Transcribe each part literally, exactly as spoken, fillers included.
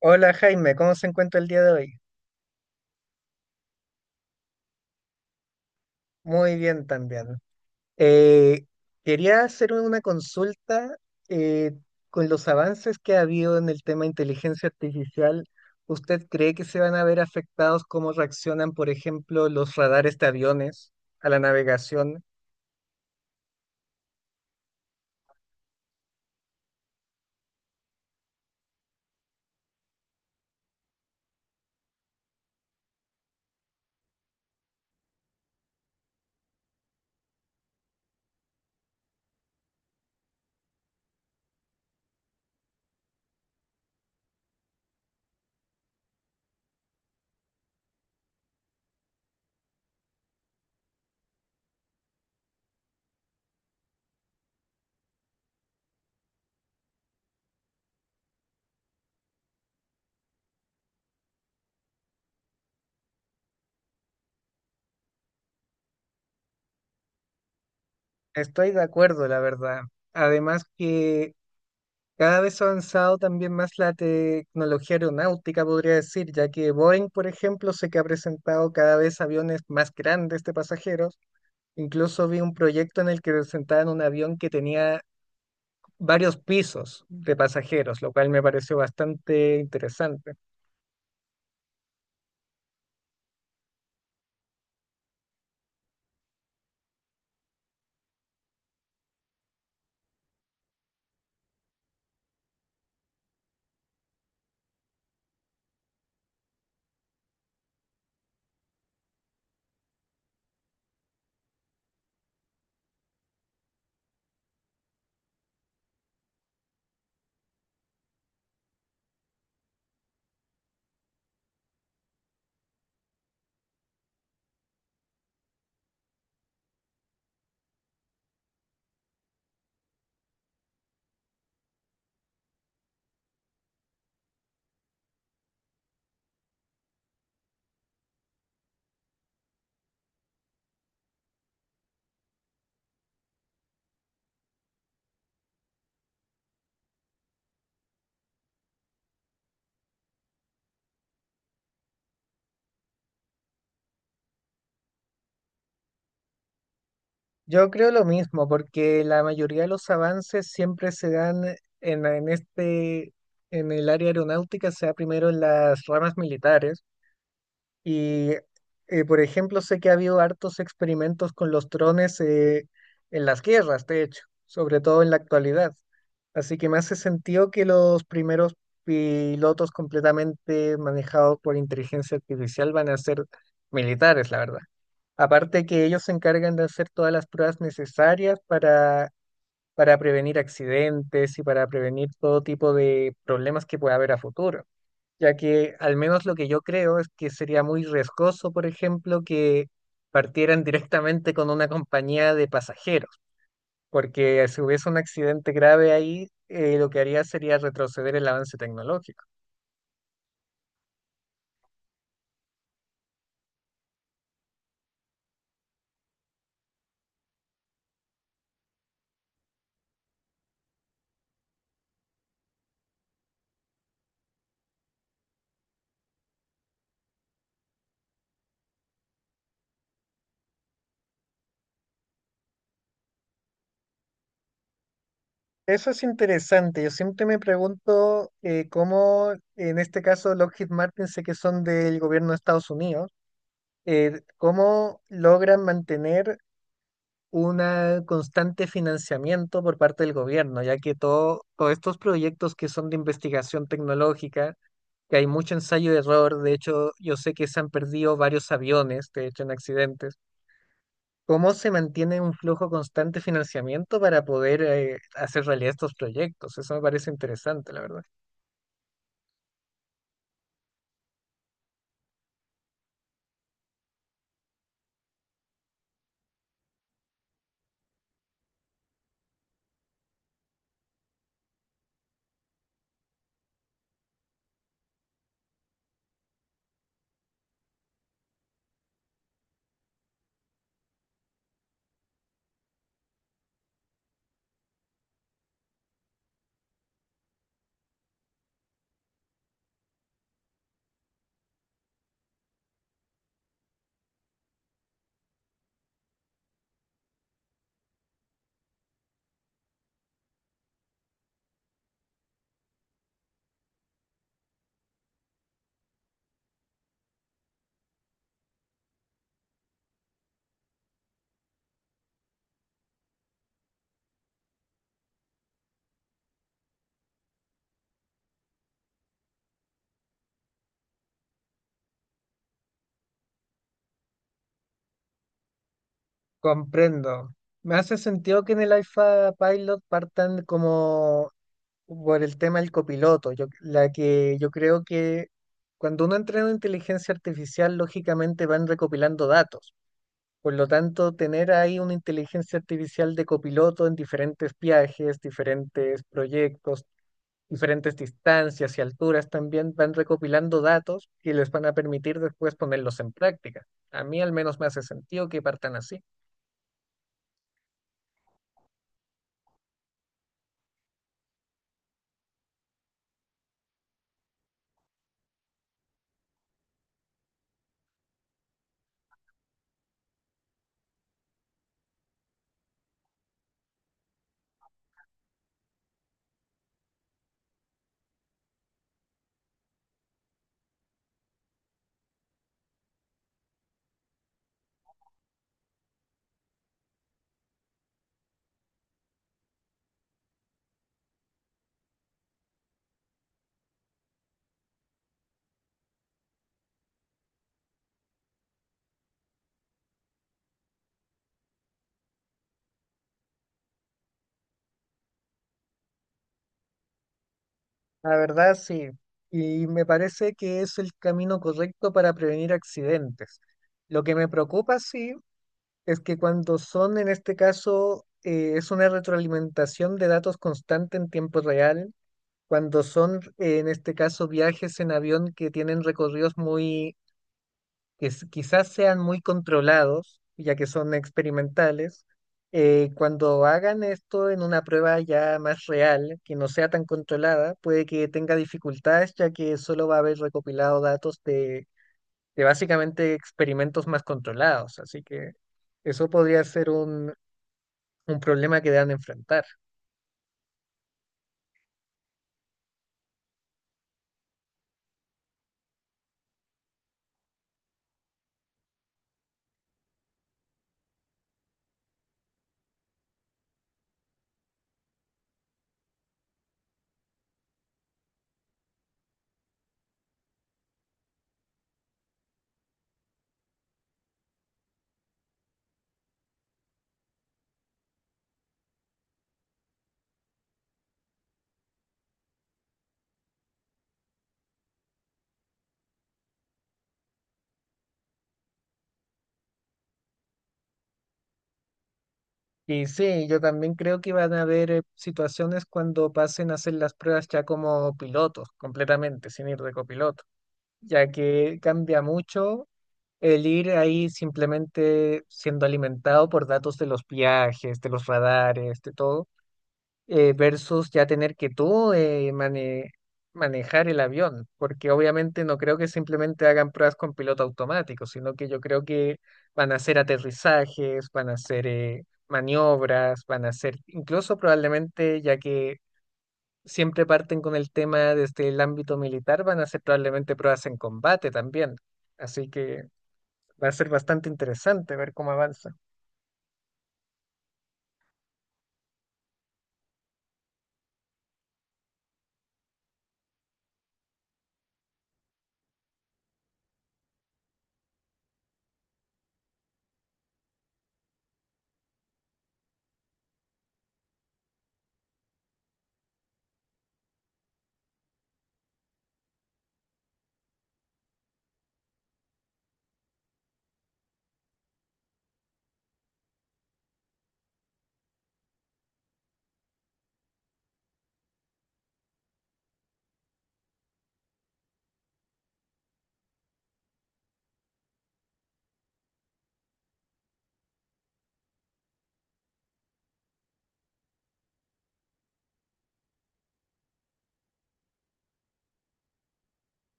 Hola Jaime, ¿cómo se encuentra el día de hoy? Muy bien también. Eh, quería hacer una consulta eh, con los avances que ha habido en el tema de inteligencia artificial. ¿Usted cree que se van a ver afectados cómo reaccionan, por ejemplo, los radares de aviones a la navegación? Estoy de acuerdo, la verdad. Además que cada vez ha avanzado también más la tecnología aeronáutica, podría decir, ya que Boeing, por ejemplo, sé que ha presentado cada vez aviones más grandes de pasajeros. Incluso vi un proyecto en el que presentaban un avión que tenía varios pisos de pasajeros, lo cual me pareció bastante interesante. Yo creo lo mismo, porque la mayoría de los avances siempre se dan en, en este, en el área aeronáutica, sea primero en las ramas militares. Y, eh, por ejemplo, sé que ha habido hartos experimentos con los drones eh, en las guerras, de hecho, sobre todo en la actualidad. Así que me hace sentido que los primeros pilotos completamente manejados por inteligencia artificial van a ser militares, la verdad. Aparte que ellos se encargan de hacer todas las pruebas necesarias para, para prevenir accidentes y para prevenir todo tipo de problemas que pueda haber a futuro, ya que al menos lo que yo creo es que sería muy riesgoso, por ejemplo, que partieran directamente con una compañía de pasajeros, porque si hubiese un accidente grave ahí, eh, lo que haría sería retroceder el avance tecnológico. Eso es interesante. Yo siempre me pregunto eh, cómo, en este caso, Lockheed Martin, sé que son del gobierno de Estados Unidos, eh, cómo logran mantener un constante financiamiento por parte del gobierno, ya que todo, todos estos proyectos que son de investigación tecnológica, que hay mucho ensayo y error, de hecho yo sé que se han perdido varios aviones, de hecho en accidentes, ¿cómo se mantiene un flujo constante de financiamiento para poder eh, hacer realidad estos proyectos? Eso me parece interesante, la verdad. Comprendo. Me hace sentido que en el I F A Pilot partan como por el tema del copiloto. Yo, la que yo creo que cuando uno entrena inteligencia artificial, lógicamente van recopilando datos. Por lo tanto, tener ahí una inteligencia artificial de copiloto en diferentes viajes, diferentes proyectos, diferentes distancias y alturas también van recopilando datos que les van a permitir después ponerlos en práctica. A mí al menos me hace sentido que partan así. La verdad, sí. Y me parece que es el camino correcto para prevenir accidentes. Lo que me preocupa, sí, es que cuando son, en este caso, eh, es una retroalimentación de datos constante en tiempo real, cuando son, eh, en este caso, viajes en avión que tienen recorridos muy, que s- quizás sean muy controlados, ya que son experimentales, eh, cuando hagan esto en una prueba ya más real, que no sea tan controlada, puede que tenga dificultades, ya que solo va a haber recopilado datos de, de básicamente experimentos más controlados. Así que eso podría ser un, un problema que deban enfrentar. Y sí, yo también creo que van a haber eh, situaciones cuando pasen a hacer las pruebas ya como pilotos, completamente, sin ir de copiloto, ya que cambia mucho el ir ahí simplemente siendo alimentado por datos de los viajes, de los radares, de todo, eh, versus ya tener que tú eh, mane- manejar el avión, porque obviamente no creo que simplemente hagan pruebas con piloto automático, sino que yo creo que van a hacer aterrizajes, van a hacer eh, maniobras, van a hacer incluso probablemente, ya que siempre parten con el tema desde el ámbito militar, van a hacer probablemente pruebas en combate también. Así que va a ser bastante interesante ver cómo avanza.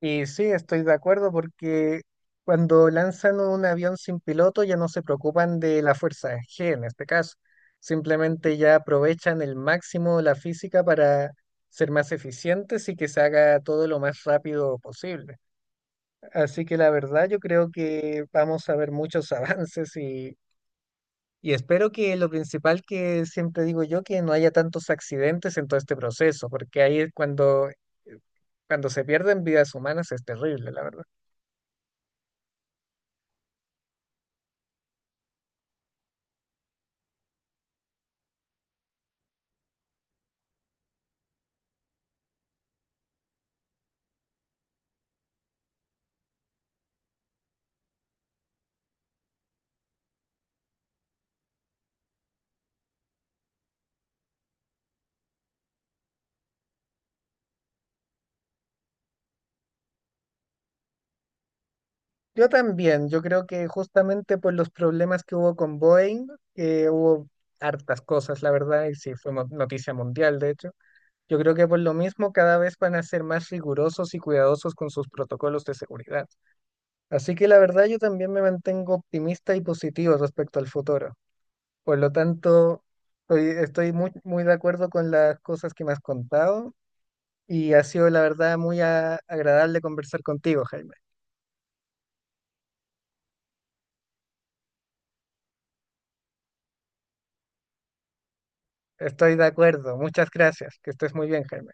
Y sí, estoy de acuerdo porque cuando lanzan un avión sin piloto ya no se preocupan de la fuerza G en este caso. Simplemente ya aprovechan el máximo la física para ser más eficientes y que se haga todo lo más rápido posible. Así que la verdad yo creo que vamos a ver muchos avances. y Y espero que lo principal, que siempre digo yo, que no haya tantos accidentes en todo este proceso, porque ahí es cuando, eh, cuando se pierden vidas humanas, es terrible, la verdad. Yo también, yo creo que justamente por los problemas que hubo con Boeing, que hubo hartas cosas, la verdad, y sí, fue mo- noticia mundial, de hecho, yo creo que por lo mismo cada vez van a ser más rigurosos y cuidadosos con sus protocolos de seguridad. Así que la verdad yo también me mantengo optimista y positivo respecto al futuro. Por lo tanto, estoy, estoy muy, muy de acuerdo con las cosas que me has contado y ha sido la verdad muy a- agradable conversar contigo, Jaime. Estoy de acuerdo. Muchas gracias. Que estés muy bien, Jaime.